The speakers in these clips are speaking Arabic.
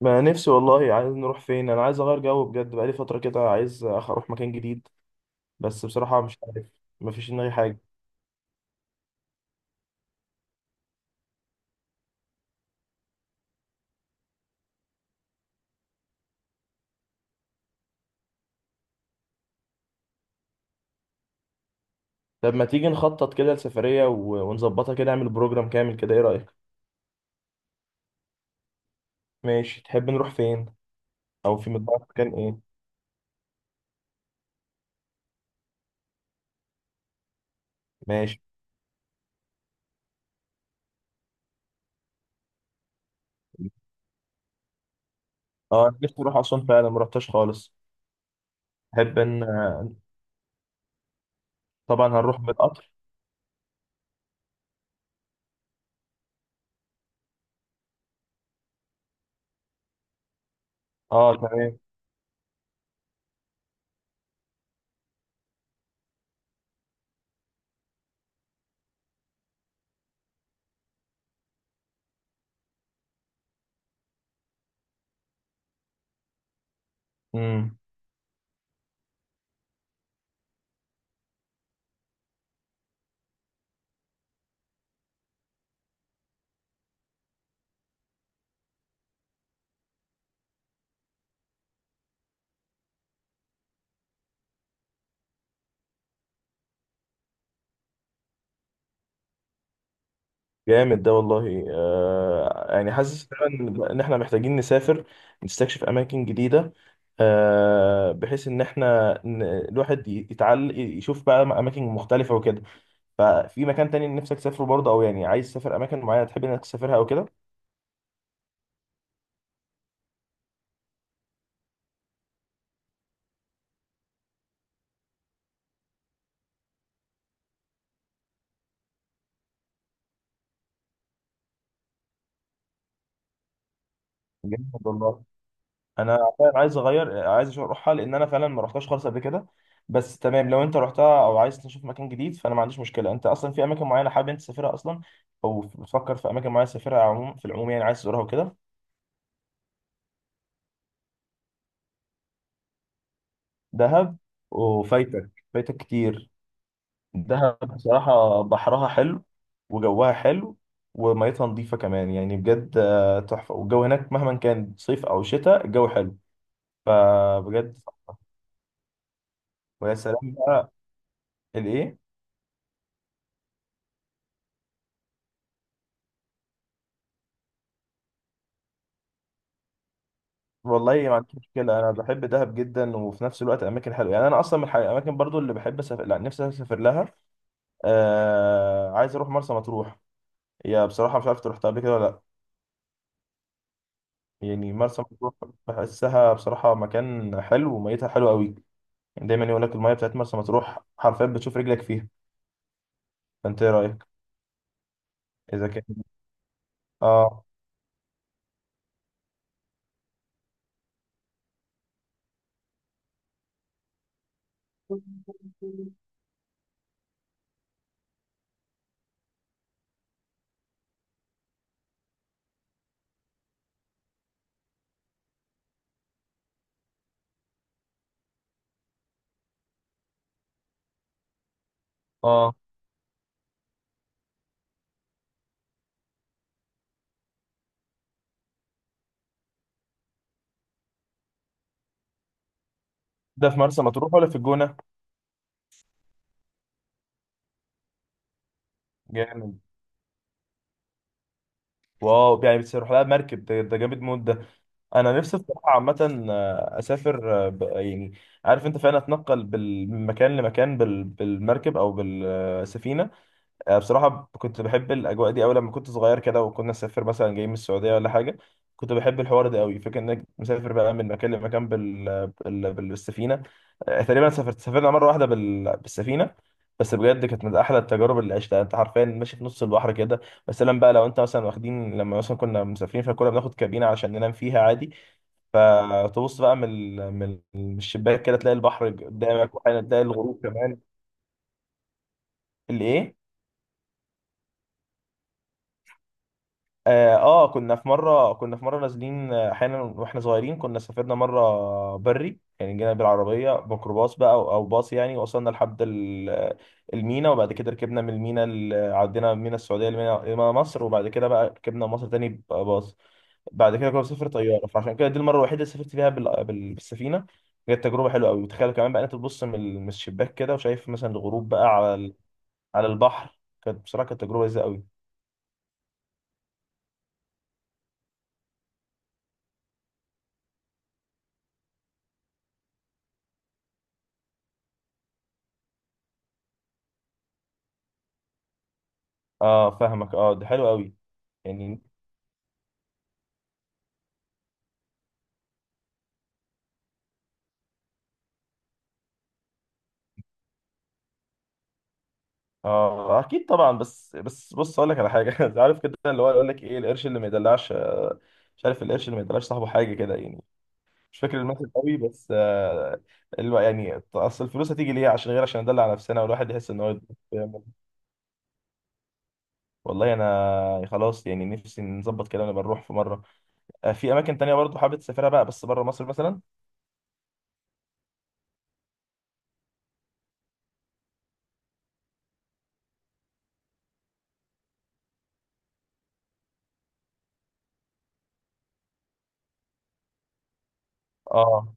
ما نفسي والله. عايز نروح فين؟ انا عايز اغير جو بجد، بقالي فتره كده، عايز اروح مكان جديد. بس بصراحه مش عارف، مفيش دماغي حاجه. طب ما تيجي نخطط كده لسفريه ونظبطها كده، نعمل بروجرام كامل كده، ايه رايك؟ ماشي، تحب نروح فين او في مقدار مكان ايه؟ ماشي. اه، أنا نفسي اروح اسوان فعلا، ما رحتش خالص. تحب ان طبعا هنروح بالقطر؟ اه تمام. مم. جامد ده والله، آه يعني حاسس فعلا ان احنا محتاجين نسافر، نستكشف اماكن جديده، آه بحيث ان احنا الواحد يتعل يشوف بقى اماكن مختلفه وكده. ففي مكان تاني نفسك تسافره برضه، او يعني عايز تسافر اماكن معينه تحب انك تسافرها او كده؟ جامد والله. انا فعلا عايز اغير، عايز أشوف اروحها، لان انا فعلا ما رحتهاش خالص قبل كده. بس تمام، لو انت رحتها او عايز تشوف مكان جديد فانا ما عنديش مشكله. انت اصلا في اماكن معينه حابب انت تسافرها اصلا، او بتفكر في اماكن معينه تسافرها عموما في العموم، يعني عايز تزورها وكده؟ دهب؟ وفايتك، فايتك كتير. دهب بصراحه بحرها حلو، وجوها حلو، وميتها نظيفه كمان، يعني بجد تحفه. والجو هناك مهما كان صيف او شتاء الجو حلو، فبجد. ويا سلام بقى الايه. والله ما عنديش مشكلة، أنا بحب دهب جدا. وفي نفس الوقت أماكن حلوة، يعني أنا أصلا من الأماكن برضو اللي بحب أسافر، لا نفسي أسافر لها. عايز أروح مرسى مطروح. هي بصراحة مش عارف أنت رحتها قبل كده ولا لأ. يعني مرسى مطروح بحسها بصراحة مكان حلو وميتها حلوة قوي، يعني دايما يقول لك المية بتاعت مرسى مطروح حرفيا بتشوف رجلك فيها. فأنت إيه رأيك؟ إذا كان آه. آه، ده في مرسى مطروح ولا في الجونة؟ جامد. واو، يعني بتروح لها مركب؟ ده، ده جامد موت ده. انا نفسي الصراحه عامه اسافر يعني عارف انت، فعلا اتنقل من مكان لمكان بالمركب او بالسفينه. بصراحه كنت بحب الاجواء دي قوي لما كنت صغير كده، وكنا نسافر مثلا جاي من السعوديه ولا حاجه. كنت بحب الحوار ده قوي، فكره انك مسافر بقى من مكان لمكان بالسفينه. تقريبا سافرنا مره واحده بالسفينه، بس بجد كانت من احلى التجارب اللي عشتها. انت حرفيا ماشي في نص البحر كده. بس لما بقى، لو انت مثلا واخدين، لما مثلا كنا مسافرين فكنا بناخد كابينه عشان ننام فيها عادي. فتبص بقى من من الشباك كده تلاقي البحر قدامك، واحيانا تلاقي الغروب كمان. الايه. اه، كنا في مره نازلين، احيانا واحنا صغيرين كنا سافرنا مره بري، يعني جينا بالعربيه ميكروباص بقى، او باص يعني، وصلنا لحد المينا. وبعد كده ركبنا من المينا عدينا من المينا السعوديه لمينا مصر، وبعد كده بقى ركبنا مصر تاني باص. بعد كده كنا بنسافر طياره، فعشان كده دي المره الوحيده اللي سافرت فيها بالسفينه. كانت تجربه حلوه قوي، وتخيل كمان بقى انت تبص من من الشباك كده وشايف مثلا الغروب بقى على على البحر. كانت بصراحه، كانت تجربه لذيذه قوي. اه فاهمك، اه دي حلوه قوي. يعني اه اكيد طبعا. بس بص اقول لك على حاجه. عارف كده اللي هو، يقول لك ايه، القرش اللي ما يدلعش مش عارف، القرش اللي ما يدلعش صاحبه حاجه كده يعني. مش فاكر المثل قوي بس اللي هو يعني، اصل الفلوس هتيجي ليه؟ عشان غير عشان ندلع نفسنا، والواحد يحس ان هو. والله انا خلاص، يعني نفسي نظبط كده ونبقى نروح في مره. في اماكن تانية برضو حابب تسافرها بقى، بس بره مصر مثلا؟ اه.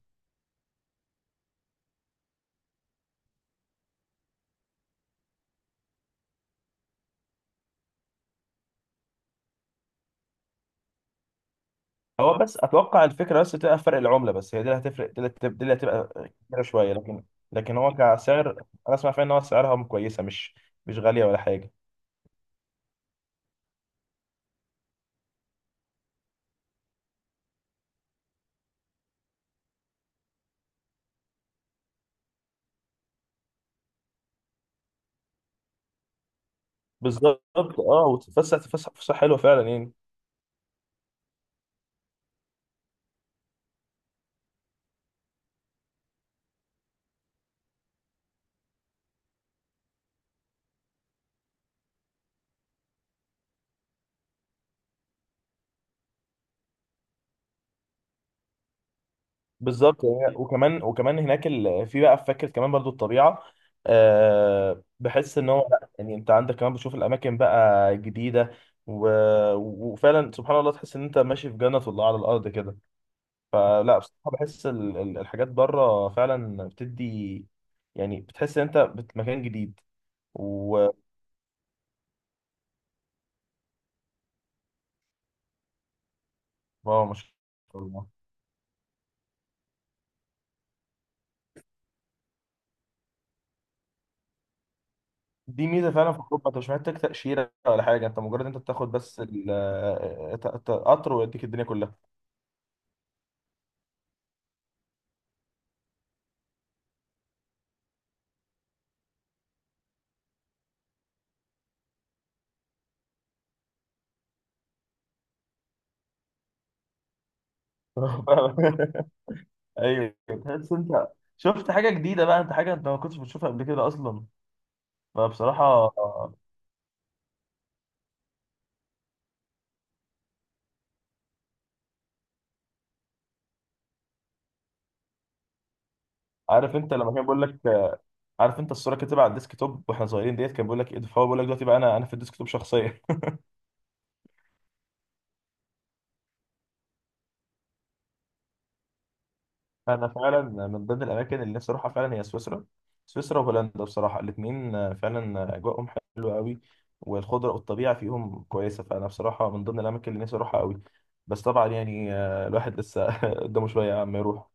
هو بس اتوقع الفكره بس تبقى في فرق العمله، بس هي دي اللي هتفرق، دي دي اللي هتبقى كبيره شويه. لكن، لكن هو كسعر انا اسمع فعلا ان هو سعرها كويسه، مش مش غاليه ولا حاجه. بالظبط. اه وتتفسح، تفسح فسحه حلوه فعلا يعني. بالظبط. وكمان، وكمان هناك في بقى في فكره كمان برضو الطبيعه. أه، بحس ان هو لا، يعني انت عندك كمان بتشوف الاماكن بقى جديده و... وفعلا سبحان الله تحس ان انت ماشي في جنه الله على الارض كده. فلا، بصراحه بحس الحاجات بره فعلا بتدي يعني، بتحس ان انت مكان جديد. و، واو ما شاء الله. دي ميزه فعلا في اوروبا، انت مش محتاج تاشيره ولا حاجه، انت مجرد انت بتاخد بس قطر، ويديك الدنيا كلها. ايوه، تحس انت شفت حاجه جديده بقى، انت حاجه انت ما كنتش بتشوفها قبل كده اصلا. فبصراحه عارف انت لما كان بيقول لك عارف انت الصوره كانت تبقى على الديسك توب واحنا صغيرين، ديت كان بيقول لك ايه ده؟ فهو بيقول لك دلوقتي بقى انا، انا في الديسك توب شخصيا. انا فعلا من ضمن الاماكن اللي نفسي اروحها فعلا هي سويسرا. سويسرا وهولندا بصراحه الاثنين فعلا اجواءهم حلوه قوي، والخضره والطبيعه فيهم كويسه، فانا بصراحه من ضمن الاماكن اللي نفسي اروحها قوي. بس طبعا يعني الواحد لسه قدامه شويه عم يروح.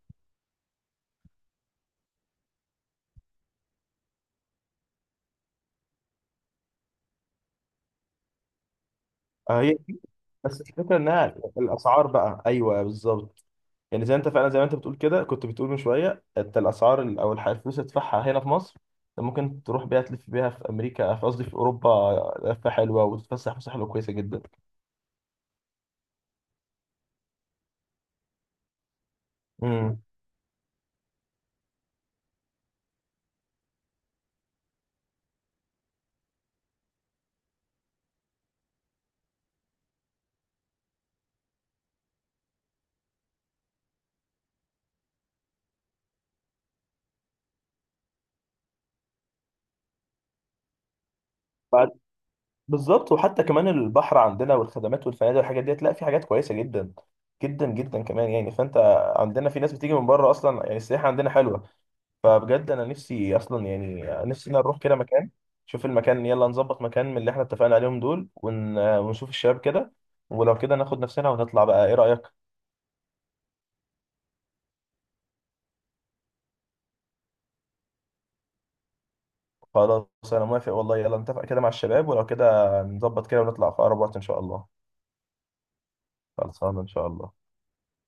هي بس الفكره انها الاسعار بقى، ايوه بالظبط. يعني زي انت فعلا، زي ما انت بتقول كده، كنت بتقول من شويه انت الاسعار الفلوس اللي تدفعها هنا في مصر، أنت ممكن تروح بيها تلف بيها في امريكا، في قصدي في اوروبا لفه حلوه، وتتفسح فسحه حلوه كويسه جدا. امم. بعد-، بالظبط. وحتى كمان البحر عندنا والخدمات والفنادق والحاجات ديت، لا في حاجات كويسه جدا جدا جدا كمان يعني. فانت عندنا في ناس بتيجي من بره اصلا، يعني السياحه عندنا حلوه. فبجد انا نفسي اصلا، يعني نفسي إن أنا اروح كده مكان، شوف المكان. يلا نظبط مكان من اللي احنا اتفقنا عليهم دول ونشوف الشباب كده، ولو كده ناخد نفسنا ونطلع بقى، ايه رأيك؟ خلاص. انا موافق والله. يلا نتفق كده مع الشباب ولو كده نظبط كده ونطلع في اقرب وقت ان شاء الله. خلصانه ان شاء الله.